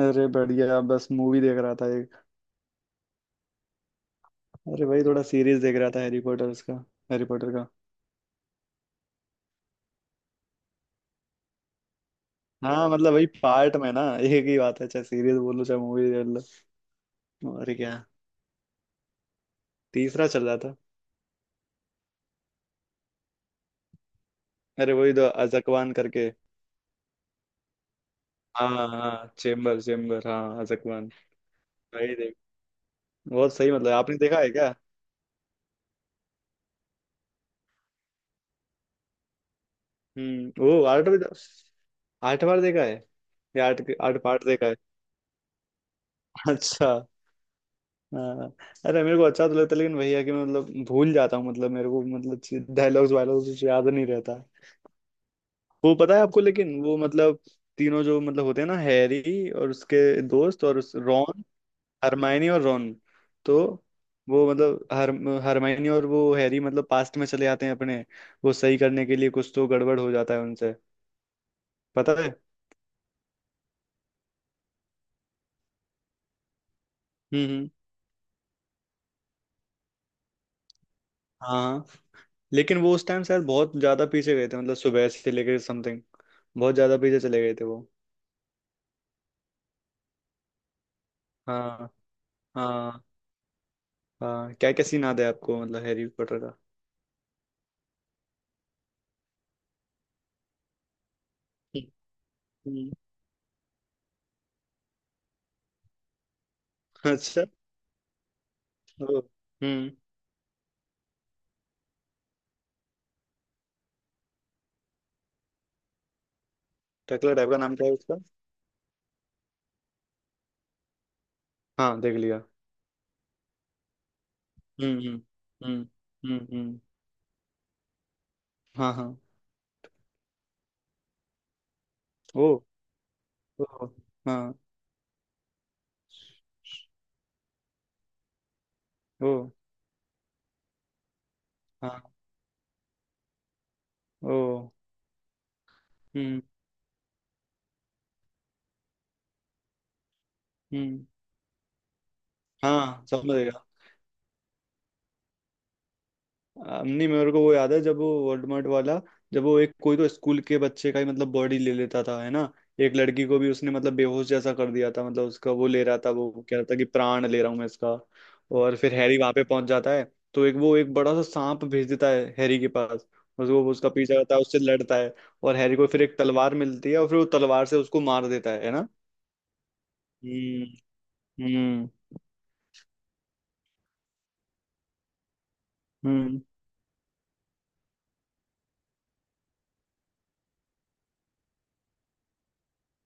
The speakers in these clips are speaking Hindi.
अरे बढ़िया, बस मूवी देख रहा था एक। अरे भाई थोड़ा सीरीज देख रहा था हैरी पॉटर्स का। हैरी पॉटर का। हाँ मतलब वही पार्ट में ना एक ही बात है, चाहे सीरीज बोलो चाहे मूवी देख लो। और क्या। तीसरा चल रहा था। अरे वही तो अजकवान करके। हाँ हाँ चेम्बर, चेम्बर हाँ अजकवान। भाई देख। बहुत सही, मतलब आपने देखा है क्या। वो आठ। आठ बार देखा है या आठ आठ पार्ट देखा है। अच्छा। हाँ। अरे मेरे को अच्छा तो लगता है, लेकिन वही है कि मैं मतलब भूल जाता हूँ। मतलब मेरे को मतलब डायलॉग्स वायलॉग्स कुछ याद नहीं रहता। वो पता है आपको, लेकिन वो मतलब तीनों जो मतलब होते हैं ना, हैरी और उसके दोस्त और उस रॉन। हरमायनी और रॉन। तो वो मतलब हर, हरमायनी और वो हैरी मतलब पास्ट में चले जाते हैं अपने। वो सही करने के लिए, कुछ तो गड़बड़ हो जाता है उनसे। पता है। हम्म। हाँ हाँ। लेकिन वो उस टाइम शायद बहुत ज्यादा पीछे गए थे, मतलब सुबह से लेकर समथिंग। बहुत ज्यादा पीछे चले गए थे वो। हाँ। हाँ। हाँ क्या क्या सीन याद है आपको मतलब हैरी पॉटर का? हम्म। अच्छा। ओ। हम्म। टकला टाइप का नाम क्या है उसका? हाँ देख लिया। हम्म। हम्म। हम्म। हाँ हाँ। ओ। ओ। हाँ। ओ। हाँ। ओ। हम्म। हम्म। हाँ समझ गया। नहीं, मेरे को वो याद है जब वो वर्डमार्ट वाला, जब वो एक कोई तो स्कूल के बच्चे का ही मतलब बॉडी ले लेता था, है ना। एक लड़की को भी उसने मतलब बेहोश जैसा कर दिया था, मतलब उसका वो ले रहा था, वो कह रहा था कि प्राण ले रहा हूं मैं इसका। और फिर हैरी वहां पे पहुंच जाता है। तो एक वो एक बड़ा सा सांप भेज देता है हैरी के पास। बस वो उसका पीछा करता है, उससे लड़ता है। और हैरी को फिर एक तलवार मिलती है, और फिर वो तलवार से उसको मार देता है ना। हम्म। हम्म। हम्म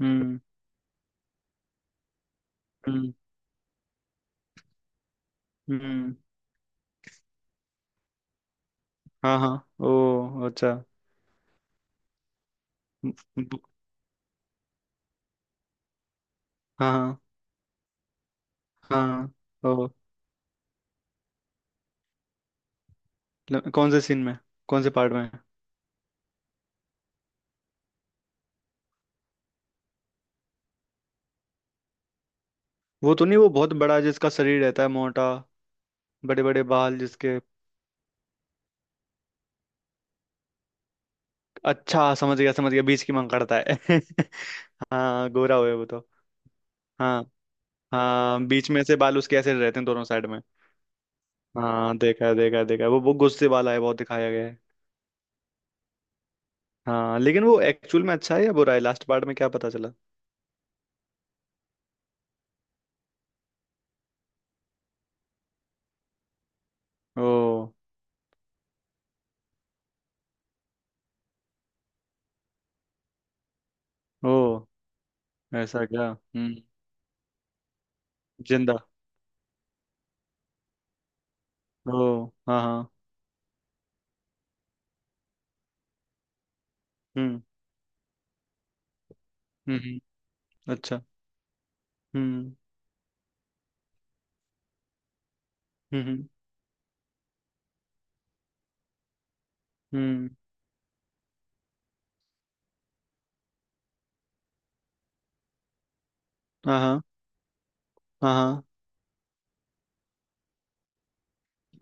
हम्म। हम्म हम्म। हाँ हाँ, ओ अच्छा। ब-। हाँ हाँ हाँ। ओ। ल-, कौन से सीन में, कौन से पार्ट में है? वो तो नहीं, वो बहुत बड़ा जिसका शरीर रहता है मोटा, बड़े बड़े बाल जिसके। अच्छा समझ गया, समझ गया, बीच की मांग करता है हाँ गोरा हुए वो तो। हाँ। हाँ बीच में से बाल उसके ऐसे रहते हैं दोनों साइड में। हाँ देखा है, देखा है, देखा है, वो गुस्से वाला है बहुत दिखाया गया है। हाँ लेकिन वो एक्चुअल में अच्छा है या बुरा है, लास्ट पार्ट में क्या पता चला? ओ। ओ। ऐसा क्या? हम्म। जिंदा। ओ हाँ हाँ। हम्म। हम्म। अच्छा। हम्म। हम्म। हम्म। हम्म। हाँ हाँ हाँ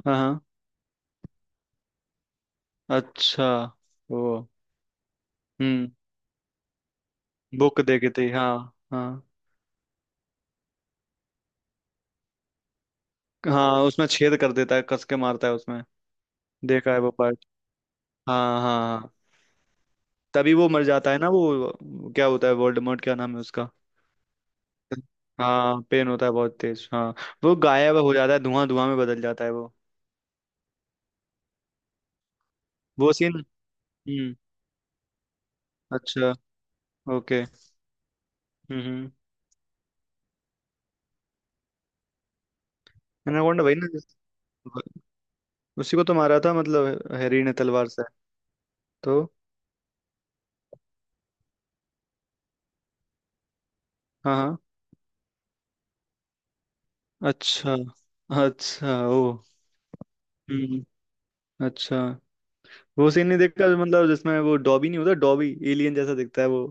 हाँ हाँ हाँ, अच्छा। वो। हम्म। बुक देखी थी हाँ। हाँ। हाँ उसमें छेद कर देता है, कस के मारता है उसमें। देखा है वो पार्ट। हाँ हाँ हाँ। तभी वो मर जाता है ना, वो क्या होता है, वोल्डेमॉर्ट क्या नाम है उसका। हाँ पेन होता है बहुत तेज, हाँ। वो गायब हो जाता है, धुआं धुआं में बदल जाता है वो। वो सीन। हम्म। अच्छा। ओके। हम्म। एनाकोंडा वही ना जिस-, उसी को तो मारा था मतलब हैरी ने तलवार से। तो। हाँ हाँ। अच्छा। अच्छा ओ। हम्म। अच्छा। वो सीन नहीं देखा, मतलब जिसमें वो डॉबी नहीं होता, डॉबी एलियन जैसा दिखता है वो।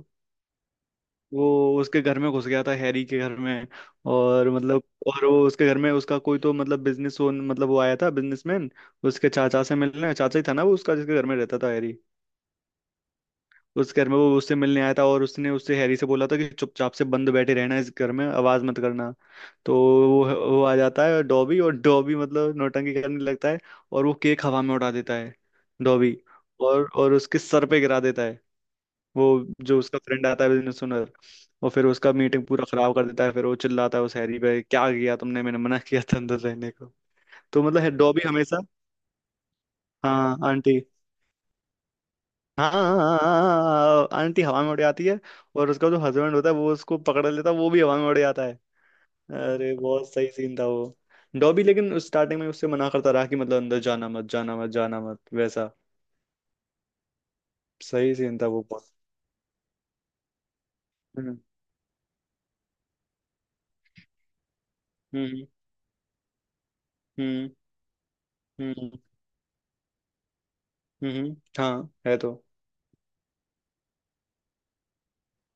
वो उसके घर में घुस गया था, हैरी के घर में। और मतलब, और वो उसके घर में उसका कोई तो मतलब बिजनेस ओन, मतलब वो आया था बिजनेसमैन, उसके चाचा से मिलने, चाचा ही था ना वो उसका जिसके घर में रहता था हैरी। उस घर में वो उससे मिलने आया था, और उसने उससे हैरी से बोला था कि चुपचाप से बंद बैठे रहना इस घर में, आवाज मत करना। तो वो वो आ जाता है डॉबी, और डॉबी मतलब नौटंकी करने लगता है। और वो केक हवा में उड़ा देता है डॉबी, और उसके सर पे गिरा देता है। वो जो उसका फ्रेंड आता है बिजनेस ओनर, और फिर उसका मीटिंग पूरा खराब कर देता है। फिर वो चिल्लाता है उस हैरी पे क्या किया तुमने, मैंने मना किया था अंदर रहने को। तो मतलब है डॉबी हमेशा। हाँ आंटी। हाँ हाँ, हाँ, हाँ, हाँ, हाँ, हाँ, हाँ, हाँ, आंटी हवा में उड़ जाती है। और उसका जो हस्बैंड होता है वो उसको पकड़ लेता है, वो भी हवा में उड़ जाता है। अरे बहुत सही सीन था वो। डॉबी लेकिन स्टार्टिंग में उससे मना करता रहा कि मतलब अंदर जाना मत, जाना मत, जाना मत, वैसा। सही सीन था वो बहुत। हम्म हम्म। हम्म हम्म। हाँ है तो।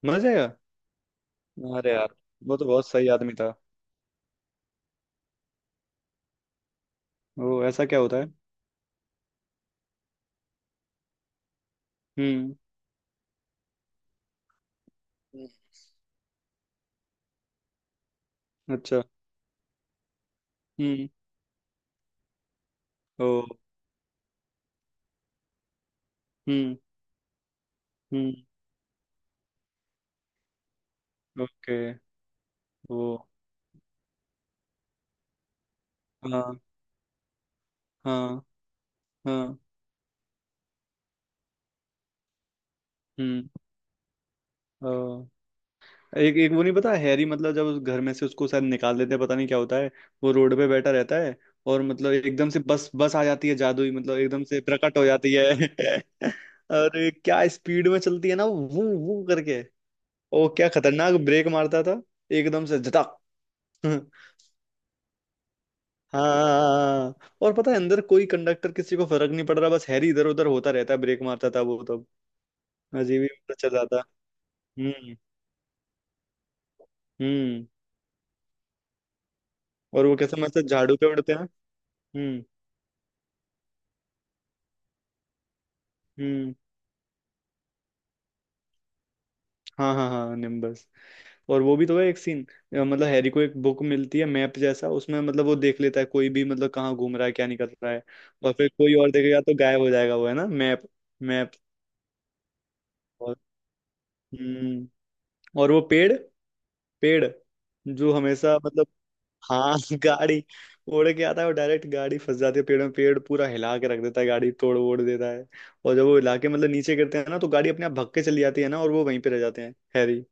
मजा आएगा। अरे यार, वो तो बहुत सही आदमी था। वो ऐसा क्या होता है? हम्म। हम्म, अच्छा। हम्म। ओ। हम्म। हम्म। ओके। वो। हाँ हाँ हाँ। हम्म। अ, एक, एक वो नहीं पता, हैरी मतलब जब उस घर में से उसको शायद निकाल देते हैं, पता नहीं क्या होता है। वो रोड पे बैठा रहता है। और मतलब एकदम से बस बस आ जाती है जादुई, मतलब एकदम से प्रकट हो जाती है और ये क्या स्पीड में चलती है ना, वो करके। ओ क्या खतरनाक ब्रेक मारता था, एकदम से झटक हाँ। और पता है अंदर कोई कंडक्टर किसी को फर्क नहीं पड़ रहा, बस हैरी इधर उधर होता रहता है, ब्रेक मारता था वो तब। अजीब ही मतलब चल रहा था। हम्म। हम्म। और वो कैसे मस्त झाड़ू पे उड़ते हैं। हम्म। हम्म। हाँ हाँ हाँ निम्बस। और वो भी तो है एक सीन, मतलब हैरी को एक बुक मिलती है, मैप जैसा, उसमें मतलब वो देख लेता है कोई भी मतलब कहाँ घूम रहा है, क्या निकल रहा है। और फिर कोई और देखेगा तो गायब हो जाएगा वो, है ना मैप। मैप। और। हम्म। और वो पेड़, पेड़ जो हमेशा मतलब, हाँ गाड़ी। उड़ के आता है वो डायरेक्ट, गाड़ी फंस जाती है पेड़ में, पेड़ पूरा हिला के रख देता है, गाड़ी तोड़ वोड़ देता है। और जब वो हिला के मतलब नीचे गिरते हैं ना, तो गाड़ी अपने आप भग के चली जाती है ना, और वो वहीं पे रह जाते हैं हैरी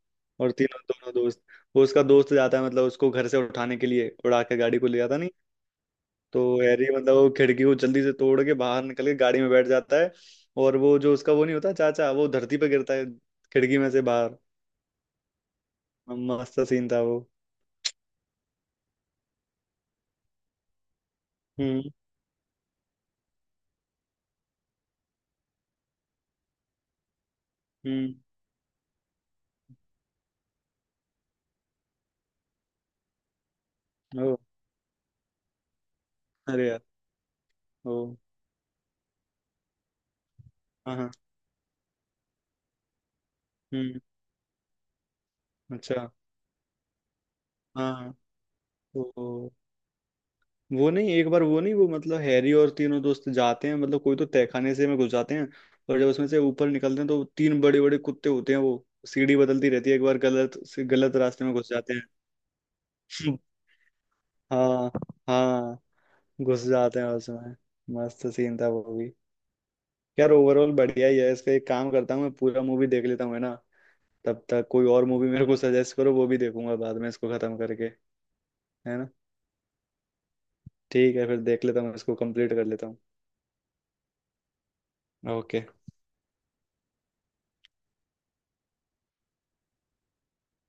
और तीनों, दोनों दोस्त। वो उसका दोस्त जाता है मतलब उसको घर से उठाने के लिए, उड़ा के गाड़ी को ले जाता नहीं। तो हैरी मतलब वो खिड़की को जल्दी से तोड़ के बाहर निकल के गाड़ी में बैठ जाता है। और वो जो उसका वो नहीं होता चाचा, वो धरती पे गिरता है खिड़की में से बाहर। मस्त सीन था वो। हम्म। हम्म। ओ। अरे यार। ओ हाँ हाँ। हम्म। अच्छा। हाँ। तो वो नहीं, एक बार वो नहीं, वो मतलब हैरी और तीनों दोस्त जाते हैं मतलब कोई तो तहखाने से में घुस जाते हैं। और जब उसमें से ऊपर निकलते हैं तो तीन बड़े बड़े कुत्ते होते हैं, वो सीढ़ी बदलती रहती है, एक बार गलत से गलत रास्ते में घुस जाते हैं हाँ। हाँ घुस जाते हैं उसमें। मस्त सीन था वो भी। यार ओवरऑल बढ़िया ही है इसका, एक काम करता हूँ मैं, पूरा मूवी देख लेता हूँ, है ना। तब तक कोई और मूवी मेरे को सजेस्ट करो, वो भी देखूंगा बाद में इसको खत्म करके, है ना। ठीक है, फिर देख लेता हूँ इसको, कंप्लीट कर लेता हूँ। ओके।